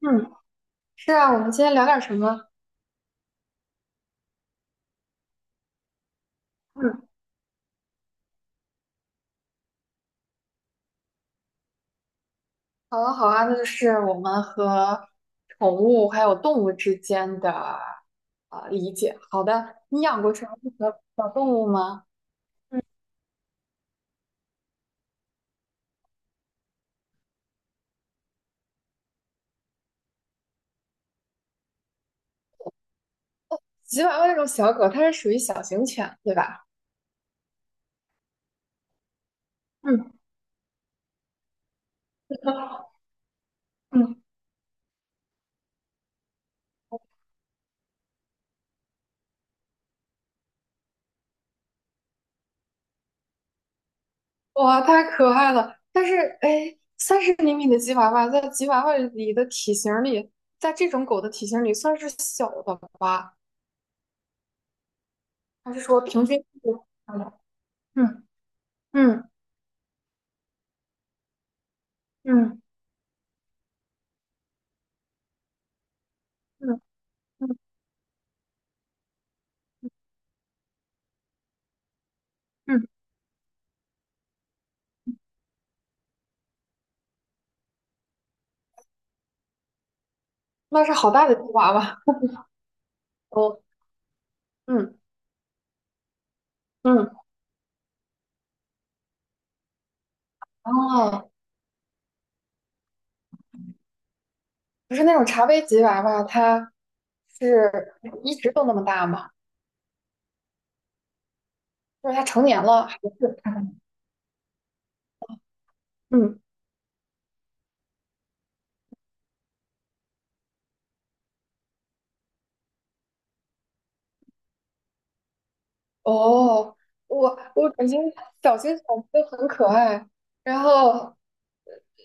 嗯，是啊，我们今天聊点什么？嗯，好啊，好啊，那就是我们和宠物还有动物之间的理解。好的，你养过什么小小动物吗？嗯，吉娃娃这种小狗，它是属于小型犬，对吧？嗯嗯，哇，太可爱了！但是，哎，30厘米的吉娃娃在吉娃娃里的体型儿里，在这种狗的体型儿里算是小的吧？还是说平均？嗯嗯嗯嗯嗯嗯，那是好大的吉娃娃。哦，嗯嗯，哦，不是那种茶杯吉娃娃，它是一直都那么大吗？就是它成年了还是它还嗯，哦，我感觉小型犬都很可爱。然后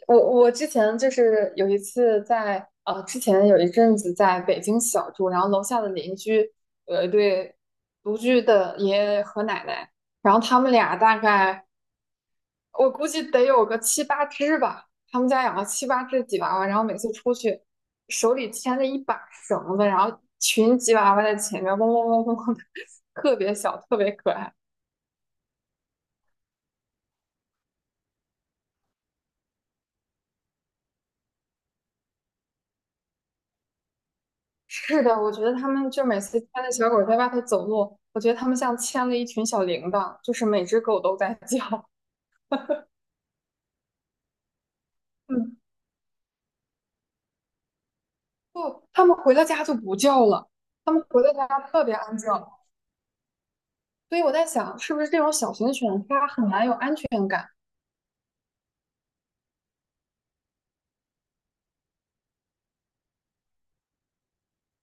我之前就是有一次之前有一阵子在北京小住，然后楼下的邻居有一对独居的爷爷和奶奶，然后他们俩大概。我估计得有个七八只吧。他们家养了七八只吉娃娃，然后每次出去手里牵着一把绳子，然后一群吉娃娃在前面嗡嗡嗡嗡嗡的，特别小，特别可爱。是的，我觉得他们就每次牵着小狗在外头走路，我觉得他们像牵了一群小铃铛，就是每只狗都在叫。嗯，不，他们回到家就不叫了，他们回到家特别安静。所以我在想，是不是这种小型犬它很难有安全感？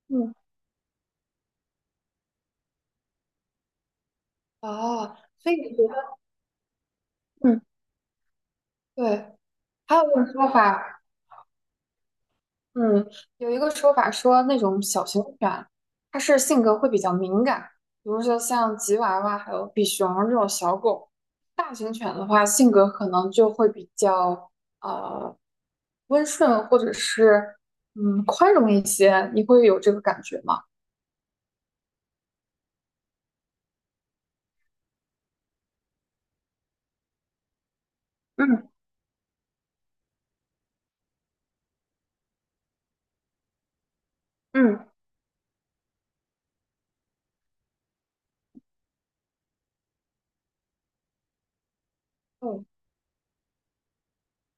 嗯，哦，所以你觉得？嗯。对，还有一种说法，嗯，有一个说法说那种小型犬，它是性格会比较敏感，比如说像吉娃娃还有比熊这种小狗。大型犬的话，性格可能就会比较呃温顺，或者是宽容一些。你会有这个感觉吗？嗯嗯嗯，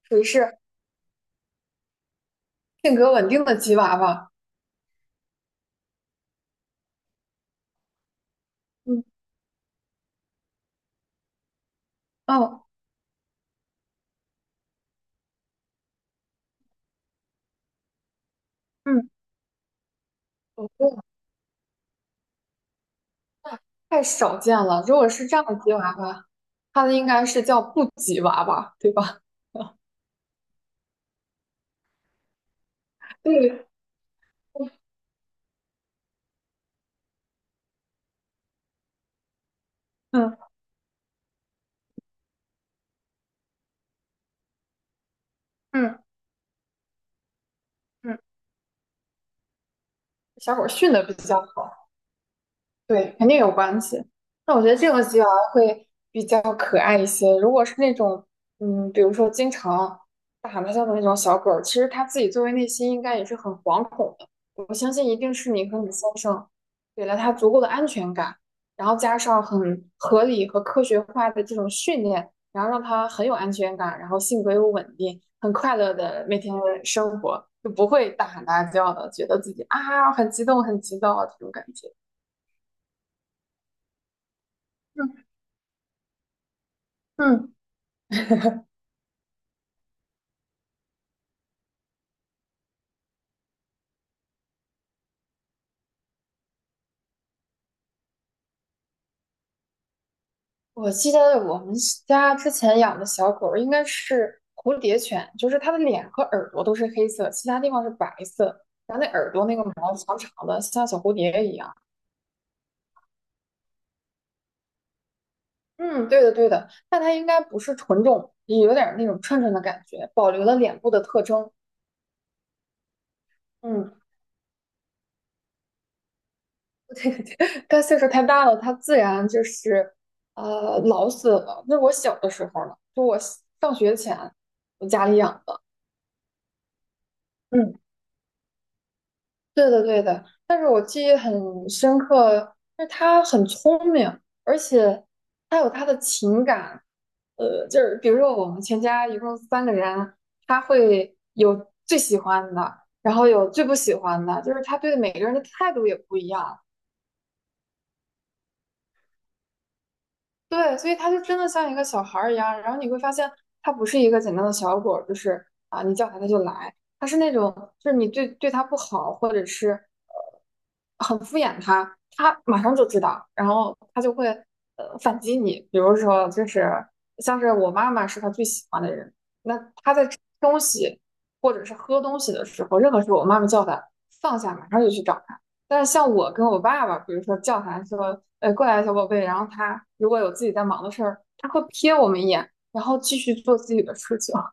属于是性格稳定的吉娃娃。嗯，哦，嗯我觉太少见了。如果是这样的吉娃娃。他的应该是叫布吉娃娃，对吧？对，嗯嗯嗯，小狗训的比较好。对，肯定有关系。那我觉得这种吉娃娃会比较可爱一些。如果是那种，比如说经常大喊大叫的那种小狗儿其实它自己作为内心应该也是很惶恐的。我相信一定是你和你先生给了它足够的安全感，然后加上很合理和科学化的这种训练，然后让它很有安全感，然后性格又稳定，很快乐的每天生活，就不会大喊大叫的，觉得自己啊很激动很激动啊这种感觉。嗯。嗯我记得我们家之前养的小狗儿应该是蝴蝶犬，就是它的脸和耳朵都是黑色，其他地方是白色，然后那耳朵那个毛长长的，像小蝴蝶一样。嗯，对的对的，但它应该不是纯种，也有点儿那种串串的感觉，保留了脸部的特征。嗯，对对对，它岁数太大了，它自然就是老死了。那是我小的时候了，就我上学前我家里养的。嗯。对的，对的，但是我记忆很深刻，就是他很聪明，而且他有他的情感。就是比如说我们全家一共3个人，他会有最喜欢的，然后有最不喜欢的，就是他对每个人的态度也不一样。对，所以它就真的像一个小孩儿一样，然后你会发现它不是一个简单的小狗儿就是啊，你叫它它就来，它是那种就是你对它不好，或者是很敷衍它，它马上就知道，然后它就会反击你。比如说，就是像是我妈妈是他最喜欢的人，那他在吃东西或者是喝东西的时候，任何时候我妈妈叫他放下，马上就去找。但是像我跟我爸爸，比如说叫他说，过来，小宝贝，然后他如果有自己在忙的事儿，他会瞥我们一眼，然后继续做自己的事情。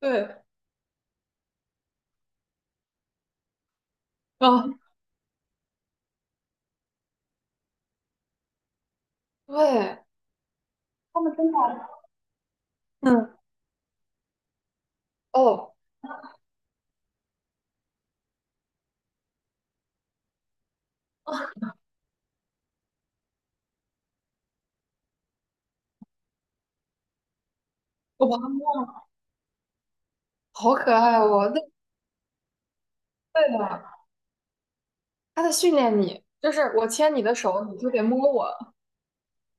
对，啊，对，他们真的，嗯，哦，我好可爱哦！对对的，他在训练你，就是我牵你的手，你就得摸我。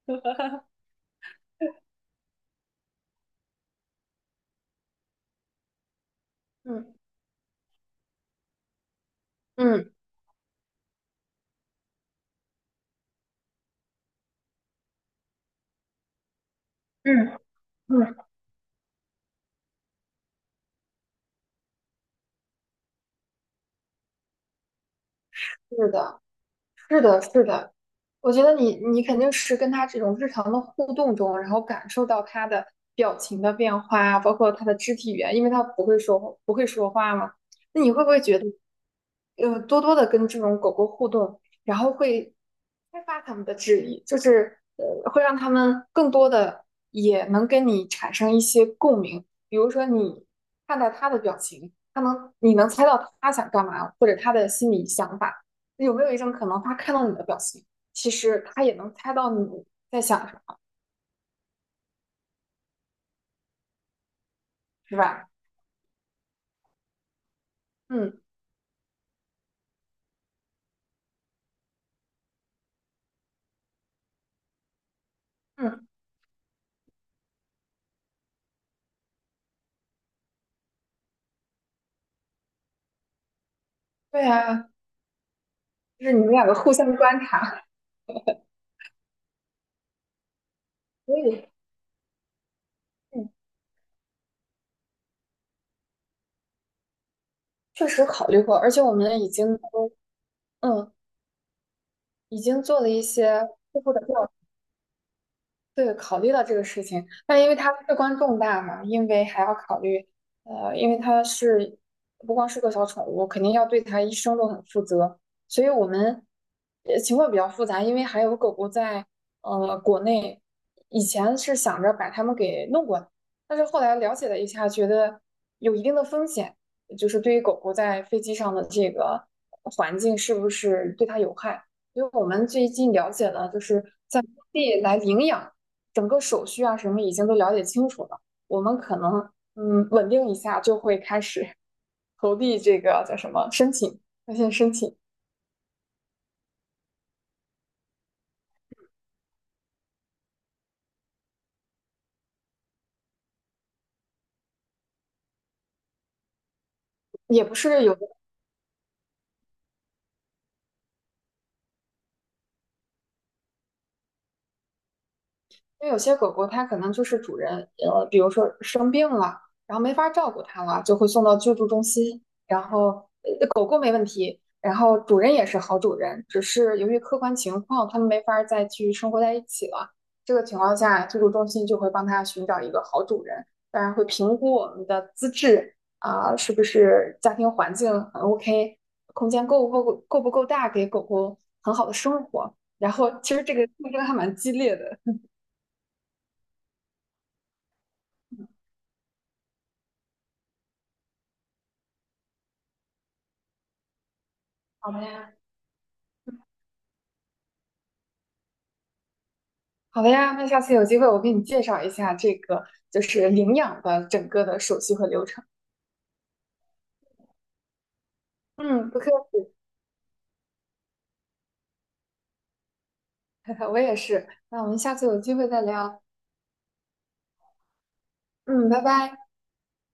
嗯嗯嗯嗯，是的。是的，是的，我觉得你肯定是跟他这种日常的互动中，然后感受到他的表情的变化啊包括他的肢体语言，因为他不会说话嘛。那你会不会觉得，多多的跟这种狗狗互动，然后会开发它们的智力，就是会让它们更多的也能跟你产生一些共鸣。比如说你看到它的表情，你能猜到它想干嘛，或者它的心理想法。有没有一种可能，他看到你的表情，其实他也能猜到你在想什么，是吧？嗯嗯，对啊，就是你们两个互相观察，所以嗯，确实考虑过，而且我们已经都嗯已经做了一些初步的调查。对，考虑到这个事情，但因为它事关重大嘛，因为还要考虑，因为不光是个小宠物，肯定要对它一生都很负责，所以我们情况比较复杂，因为还有狗狗在国内，以前是想着把它们给弄过来，但是后来了解了一下，觉得有一定的风险，就是对于狗狗在飞机上的这个环境是不是对它有害，因为我们最近了解了，就是在当地来领养。整个手续啊什么已经都了解清楚了，我们可能稳定一下就会开始 投递这个叫什么申请，那线申请也不是有的因为有些狗狗它可能就是主人，比如说生病了，然后没法照顾它了，就会送到救助中心。然后，狗狗没问题，然后主人也是好主人，只是由于客观情况，它们没法再去生活在一起了。这个情况下，救助中心就会帮它寻找一个好主人，当然会评估我们的资质啊，是不是家庭环境很 OK，空间够不够大，给狗狗很好的生活。然后，其实这个竞争还蛮激烈的。好的呀。好的呀，那下次有机会我给你介绍一下这个就是领养的整个的手续和流程。嗯，不客气，我也是。那我们下次有机会再聊。嗯，拜拜。